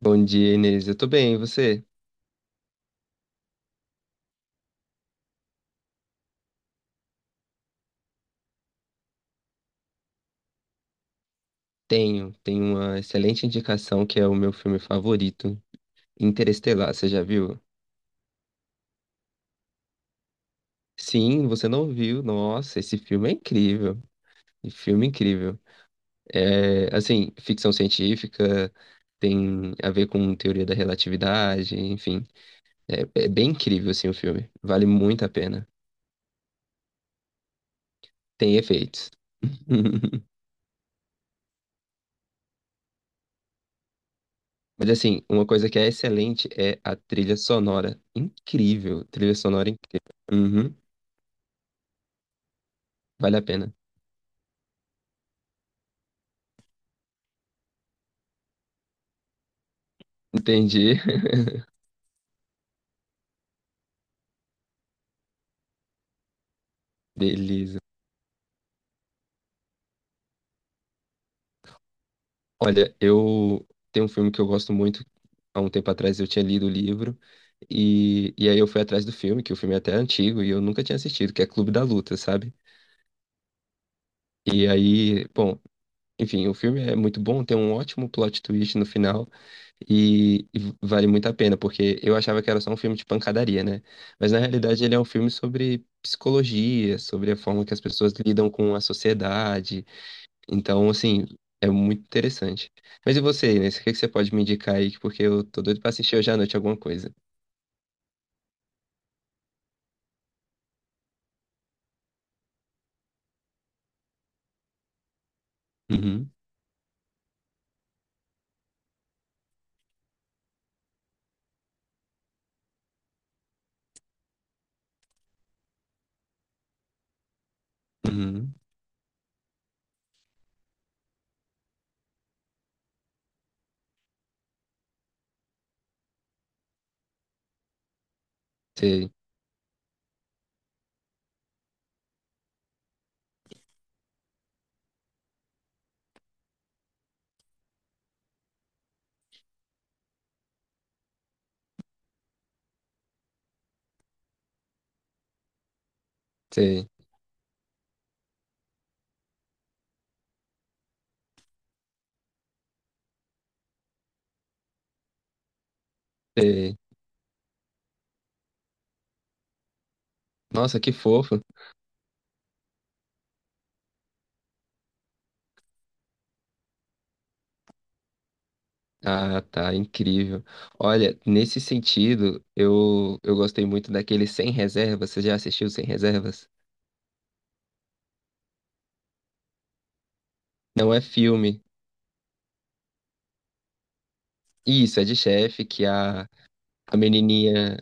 Bom dia, Inês. Eu tô bem, e você? Tenho uma excelente indicação que é o meu filme favorito, Interestelar. Você já viu? Sim, você não viu? Nossa, esse filme é incrível. Que filme é incrível. É, assim, ficção científica, tem a ver com teoria da relatividade, enfim. É, é bem incrível, assim, o filme. Vale muito a pena. Tem efeitos. Mas assim, uma coisa que é excelente é a trilha sonora. Incrível, trilha sonora incrível. Uhum. Vale a pena. Entendi. Beleza. Olha, eu tenho um filme que eu gosto muito. Há um tempo atrás eu tinha lido o livro. E aí eu fui atrás do filme, que o filme é até antigo e eu nunca tinha assistido, que é Clube da Luta, sabe? E aí, bom, enfim, o filme é muito bom, tem um ótimo plot twist no final e vale muito a pena, porque eu achava que era só um filme de pancadaria, né? Mas na realidade ele é um filme sobre psicologia, sobre a forma que as pessoas lidam com a sociedade. Então, assim, é muito interessante. Mas e você, Inês? O que que você pode me indicar aí? Porque eu tô doido pra assistir hoje à noite alguma coisa. Uhum, uhum. Sei, sei, sei. Nossa, que fofo. Ah, tá, incrível. Olha, nesse sentido, eu gostei muito daquele Sem Reservas. Você já assistiu Sem Reservas? Não é filme. Isso, é de chefe que a menininha,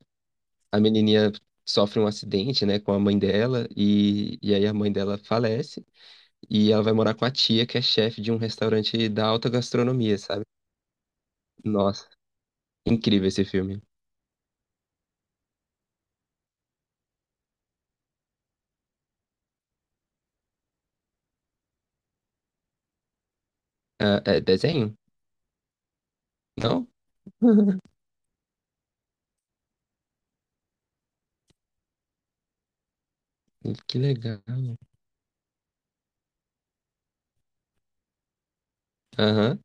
a menininha sofre um acidente, né, com a mãe dela e aí a mãe dela falece. E ela vai morar com a tia, que é chefe de um restaurante da alta gastronomia, sabe? Nossa, incrível esse filme. Ah, é desenho? Não? Que legal. Aham.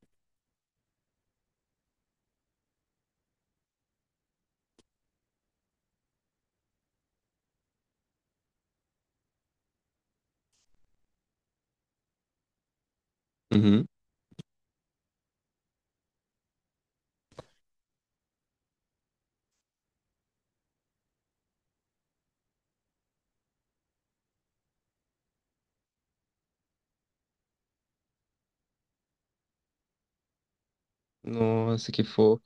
Uhum. Nossa, que fofo.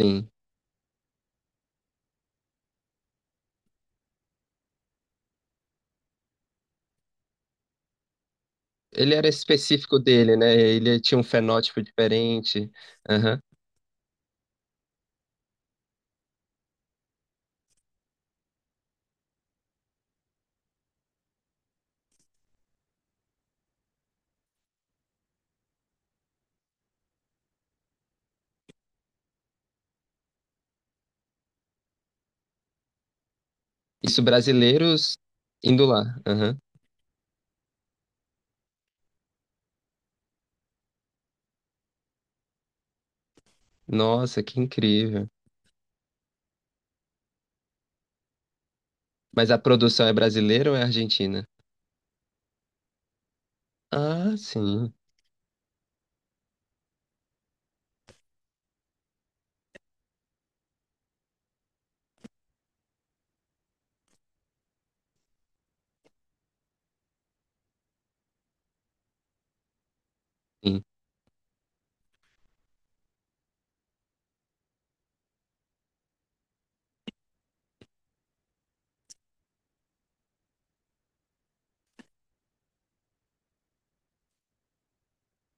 Sim. Ele era específico dele, né? Ele tinha um fenótipo diferente. Aham. Isso, brasileiros indo lá. Aham. Nossa, que incrível. Mas a produção é brasileira ou é argentina? Ah, sim. Sim.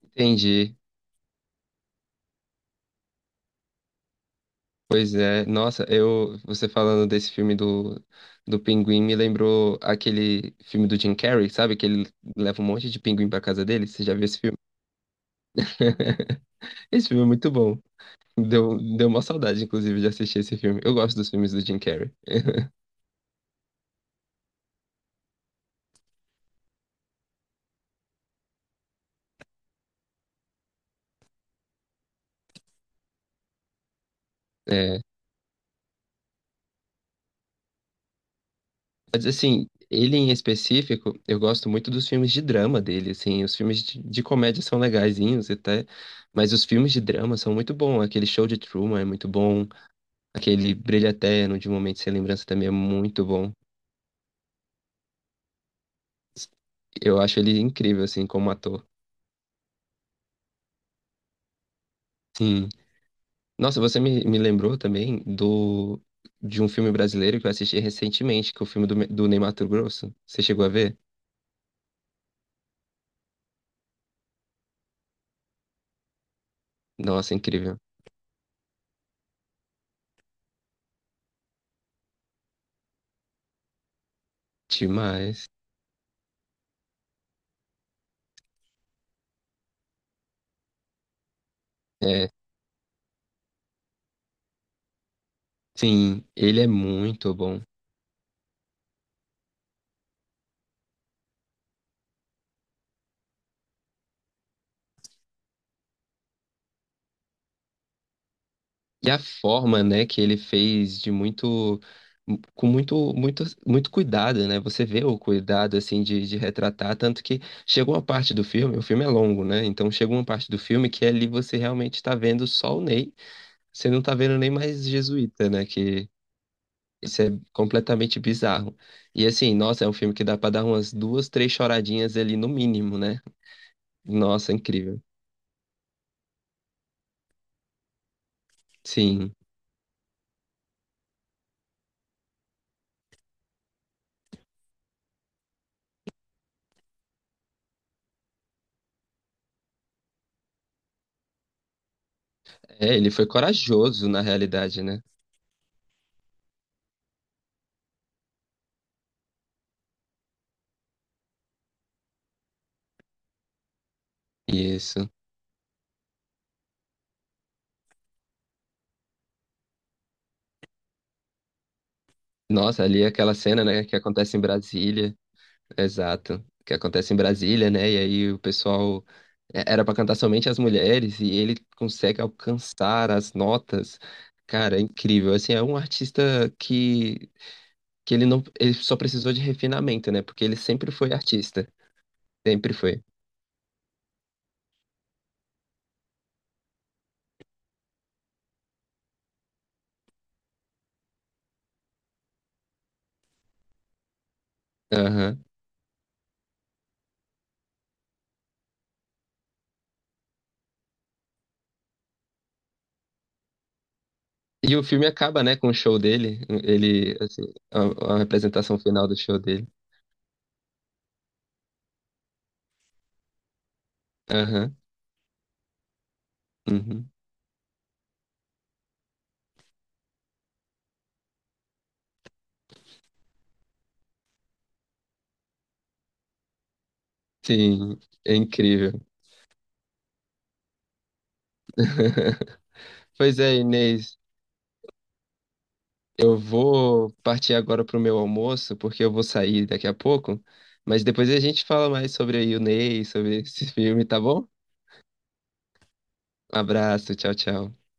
Entendi. Pois é, nossa, eu, você falando desse filme do pinguim me lembrou aquele filme do Jim Carrey, sabe? Que ele leva um monte de pinguim pra casa dele. Você já viu esse filme? Esse filme é muito bom. Deu uma saudade, inclusive, de assistir esse filme. Eu gosto dos filmes do Jim Carrey. É, mas, assim, ele em específico, eu gosto muito dos filmes de drama dele, assim. Os filmes de comédia são legaisinhos até, mas os filmes de drama são muito bons. Aquele Show de Truman é muito bom. Aquele Brilho Eterno de Um Momento Sem Lembrança também é muito bom. Eu acho ele incrível, assim, como ator. Sim. Nossa, você me lembrou também do de um filme brasileiro que eu assisti recentemente, que é o filme do, do Ney Matogrosso. Você chegou a ver? Nossa, incrível. Demais. É. Sim, ele é muito bom. E a forma, né, que ele fez de muito, com muito, muito, muito cuidado, né? Você vê o cuidado, assim, de retratar, tanto que chega uma parte do filme, o filme é longo, né? Então chega uma parte do filme que ali você realmente está vendo só o Ney, você não tá vendo nem mais Jesuíta, né? Que isso é completamente bizarro. E assim, nossa, é um filme que dá pra dar umas duas, três choradinhas ali no mínimo, né? Nossa, incrível. Sim. É, ele foi corajoso na realidade, né? Isso. Nossa, ali é aquela cena, né, que acontece em Brasília, exato, que acontece em Brasília, né, e aí o pessoal é, era pra cantar somente as mulheres e ele consegue alcançar as notas, cara, é incrível, assim, é um artista que ele não, ele só precisou de refinamento, né, porque ele sempre foi artista, sempre foi, aham. E o filme acaba, né, com o show dele, ele, assim, a representação final do show dele, aham, uhum. Sim, é incrível. Pois é, Inês. Eu vou partir agora pro meu almoço, porque eu vou sair daqui a pouco. Mas depois a gente fala mais sobre a Yunei, sobre esse filme, tá bom? Abraço, tchau, tchau.